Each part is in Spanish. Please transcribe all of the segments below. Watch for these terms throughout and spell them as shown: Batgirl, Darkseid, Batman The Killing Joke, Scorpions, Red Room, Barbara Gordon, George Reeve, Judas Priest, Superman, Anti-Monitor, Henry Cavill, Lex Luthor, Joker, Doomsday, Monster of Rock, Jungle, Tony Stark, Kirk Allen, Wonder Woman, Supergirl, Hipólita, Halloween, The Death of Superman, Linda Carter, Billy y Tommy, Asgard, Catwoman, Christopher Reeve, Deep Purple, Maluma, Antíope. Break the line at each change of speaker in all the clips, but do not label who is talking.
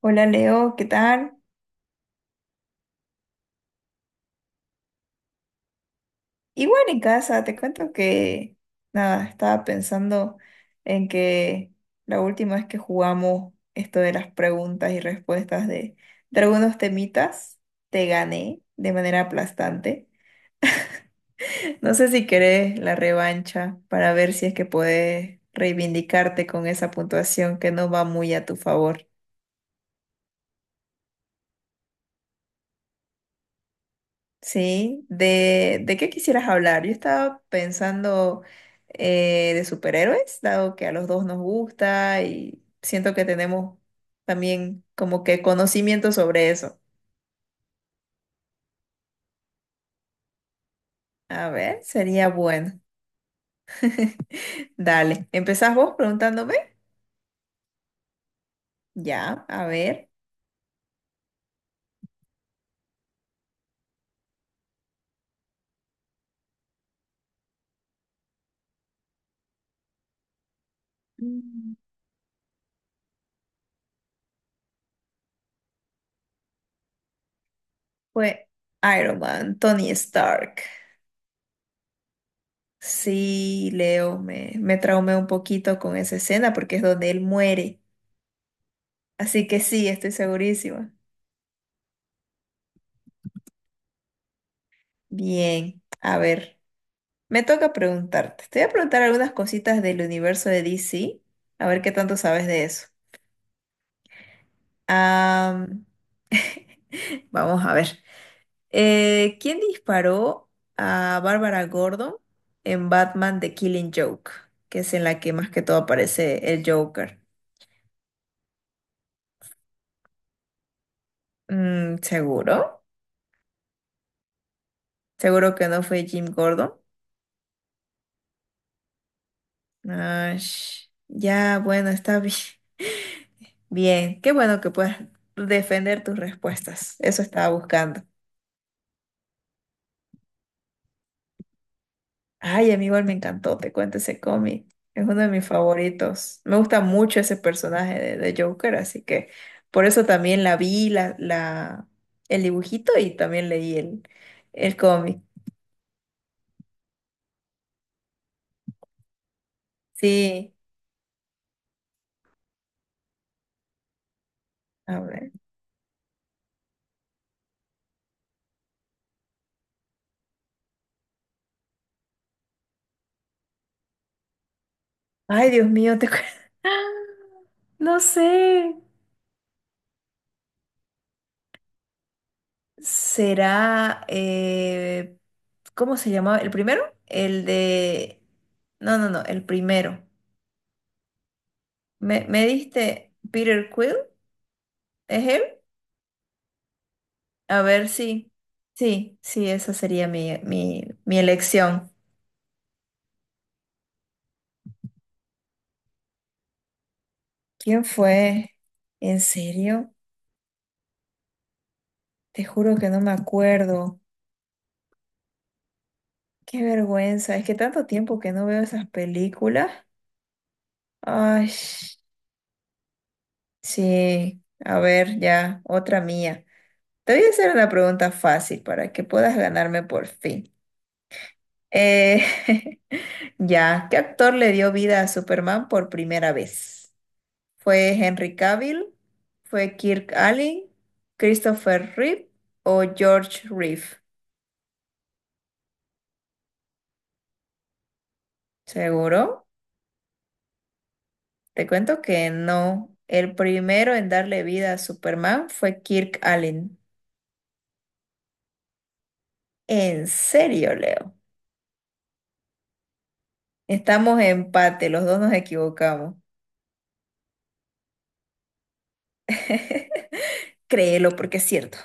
Hola Leo, ¿qué tal? Igual en casa, te cuento que nada, estaba pensando en que la última vez que jugamos esto de las preguntas y respuestas de algunos temitas, te gané de manera aplastante. No sé si querés la revancha para ver si es que podés reivindicarte con esa puntuación que no va muy a tu favor. Sí, ¿de qué quisieras hablar? Yo estaba pensando de superhéroes, dado que a los dos nos gusta y siento que tenemos también como que conocimiento sobre eso. A ver, sería bueno. Dale, ¿empezás vos preguntándome? Ya, a ver. Mm, fue Iron Man, Tony Stark. Sí, Leo, me traumé un poquito con esa escena porque es donde él muere. Así que sí, estoy segurísima. Bien, a ver, me toca preguntarte. Te voy a preguntar algunas cositas del universo de DC, a ver qué tanto sabes de eso. Am, vamos a ver. ¿Quién disparó a Barbara Gordon en Batman The Killing Joke? Que es en la que más que todo aparece el Joker. Mm, ¿seguro? ¿Seguro que no fue Jim Gordon? Ah, sh- ya, bueno, está bi- bien. Qué bueno que puedas defender tus respuestas. Eso estaba buscando. Ay, a mí igual me encantó, te cuento ese cómic. Es uno de mis favoritos. Me gusta mucho ese personaje de Joker, así que por eso también la vi, el dibujito y también leí el cómic. Sí, a ver. Ay, Dios mío, te cu- no sé. Será, ¿cómo se llamaba? ¿El primero? El de... No, el primero. ¿Me diste Peter Quill? ¿Es él? A ver, sí, sí, sí, esa sería mi elección. ¿Quién fue? ¿En serio? Te juro que no me acuerdo. Qué vergüenza, es que tanto tiempo que no veo esas películas. Ay, sí, a ver, ya, otra mía. Te voy a hacer una pregunta fácil para que puedas ganarme por fin. Eh, ya, ¿qué actor le dio vida a Superman por primera vez? ¿Fue Henry Cavill? ¿Fue Kirk Allen? ¿Christopher Reeve o George Reeve? ¿Seguro? Te cuento que no. El primero en darle vida a Superman fue Kirk Allen. ¿En serio, Leo? Estamos en empate, los dos nos equivocamos. Créelo porque es cierto.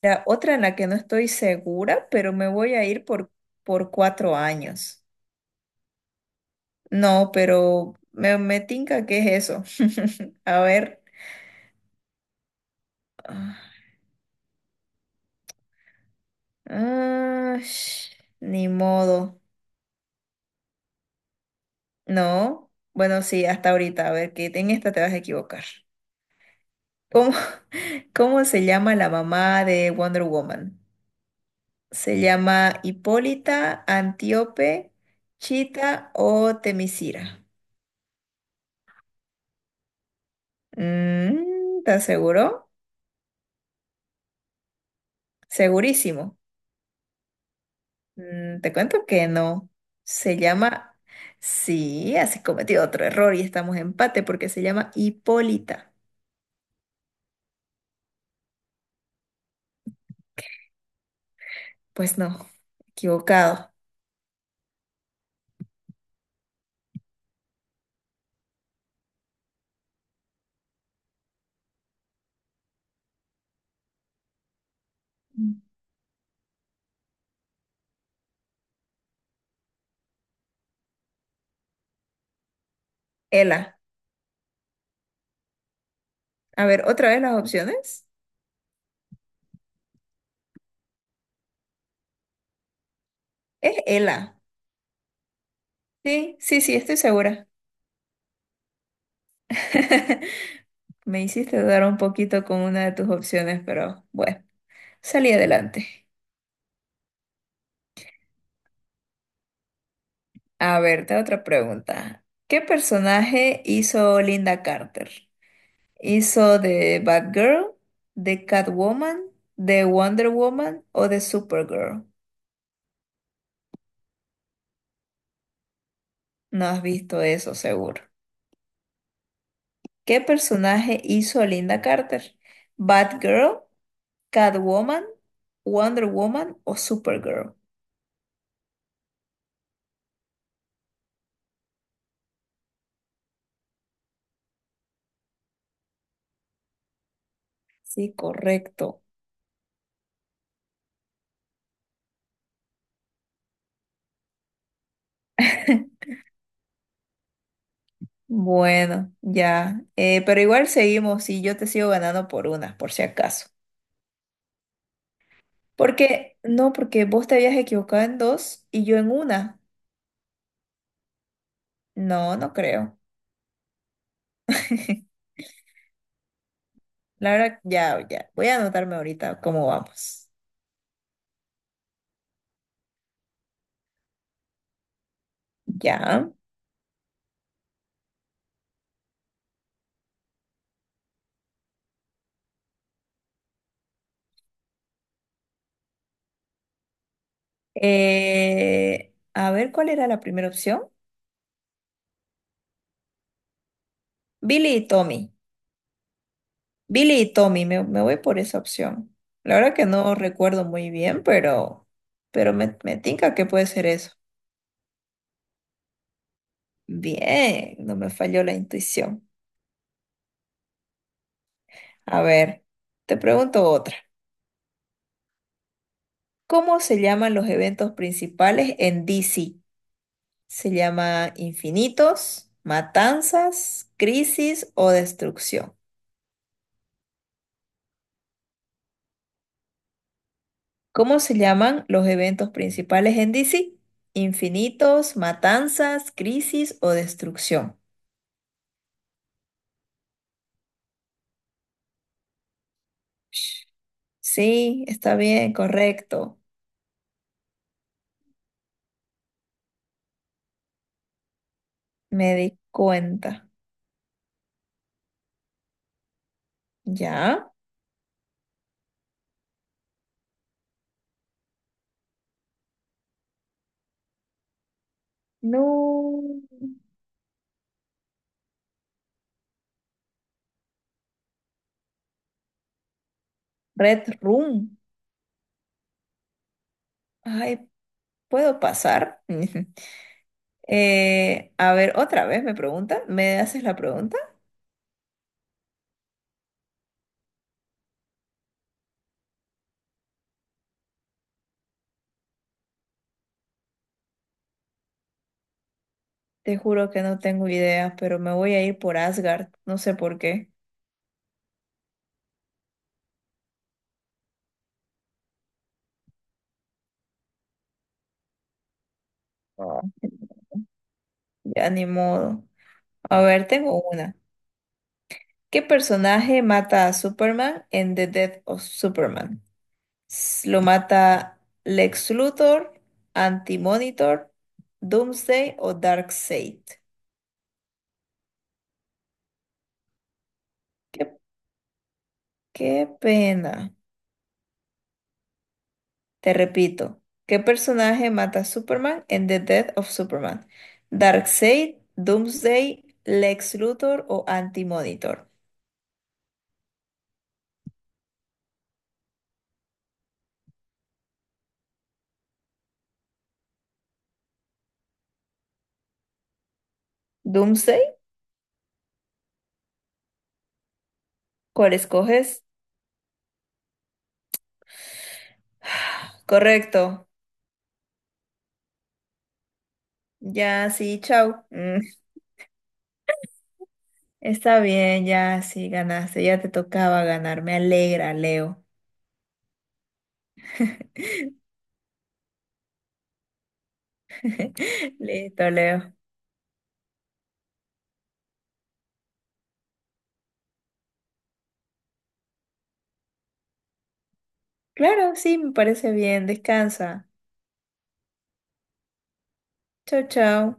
La otra en la que no estoy segura, pero me voy a ir por cuatro años. No, pero me tinca que es eso. A ver. Ah, ah, sh- ni modo. No. Bueno, sí, hasta ahorita. A ver, que en esta te vas a equivocar. ¿Cómo, cómo se llama la mamá de Wonder Woman? ¿Se llama Hipólita, Antíope, Chita o Temisira? Mm, ¿estás seguro? Segurísimo. Mm, te cuento que no. Se llama... Sí, has cometido otro error y estamos en empate porque se llama Hipólita. Pues no, equivocado. Mm. Ela. A ver, otra vez las opciones. Es Ela. Sí, sí, sí, estoy segura. Me hiciste dudar un poquito con una de tus opciones, pero bueno, salí adelante. A ver, te hago otra pregunta. ¿Qué personaje hizo Linda Carter? ¿Hizo de Batgirl, de Catwoman, de Wonder Woman o de Supergirl? No has visto eso, seguro. ¿Qué personaje hizo a Linda Carter? ¿Batgirl, Catwoman, Wonder Woman o Supergirl? Sí, correcto. Bueno, ya. Pero igual seguimos y yo te sigo ganando por una, por si acaso. Porque, no, porque vos te habías equivocado en dos y yo en una. No, no creo. La verdad, ya, ya. Voy a anotarme ahorita cómo vamos. Ya. A ver, ¿cuál era la primera opción? Billy y Tommy. Billy y Tommy, me voy por esa opción. La verdad que no recuerdo muy bien, pero me tinca que puede ser eso. Bien, no me falló la intuición. A ver, te pregunto otra. ¿Cómo se llaman los eventos principales en DC? ¿Se llama infinitos, matanzas, crisis o destrucción? ¿Cómo se llaman los eventos principales en DC? ¿Infinitos, matanzas, crisis o destrucción? Sí, está bien, correcto. Me di cuenta. ¿Ya? No. Red Room. Ay, ¿puedo pasar? A ver, otra vez me pregunta. ¿Me haces la pregunta? Te juro que no tengo idea, pero me voy a ir por Asgard. No sé por qué. Ah, ya ni modo. A ver, tengo una. ¿Qué personaje mata a Superman en The Death of Superman? S- Lo mata Lex Luthor, Anti-Monitor, Doomsday o Darkseid. Qué, qué pena. Te repito, ¿qué personaje mata a Superman en The Death of Superman? Darkseid, Doomsday, Lex Luthor o Anti-Monitor. ¿Doomsday? ¿Cuál escoges? Correcto. Ya, sí, chao. Mm, está bien, ya, sí, ganaste. Ya te tocaba ganar. Me alegra, Leo. Listo, Leo. Claro, sí, me parece bien. Descansa. Chau, chau.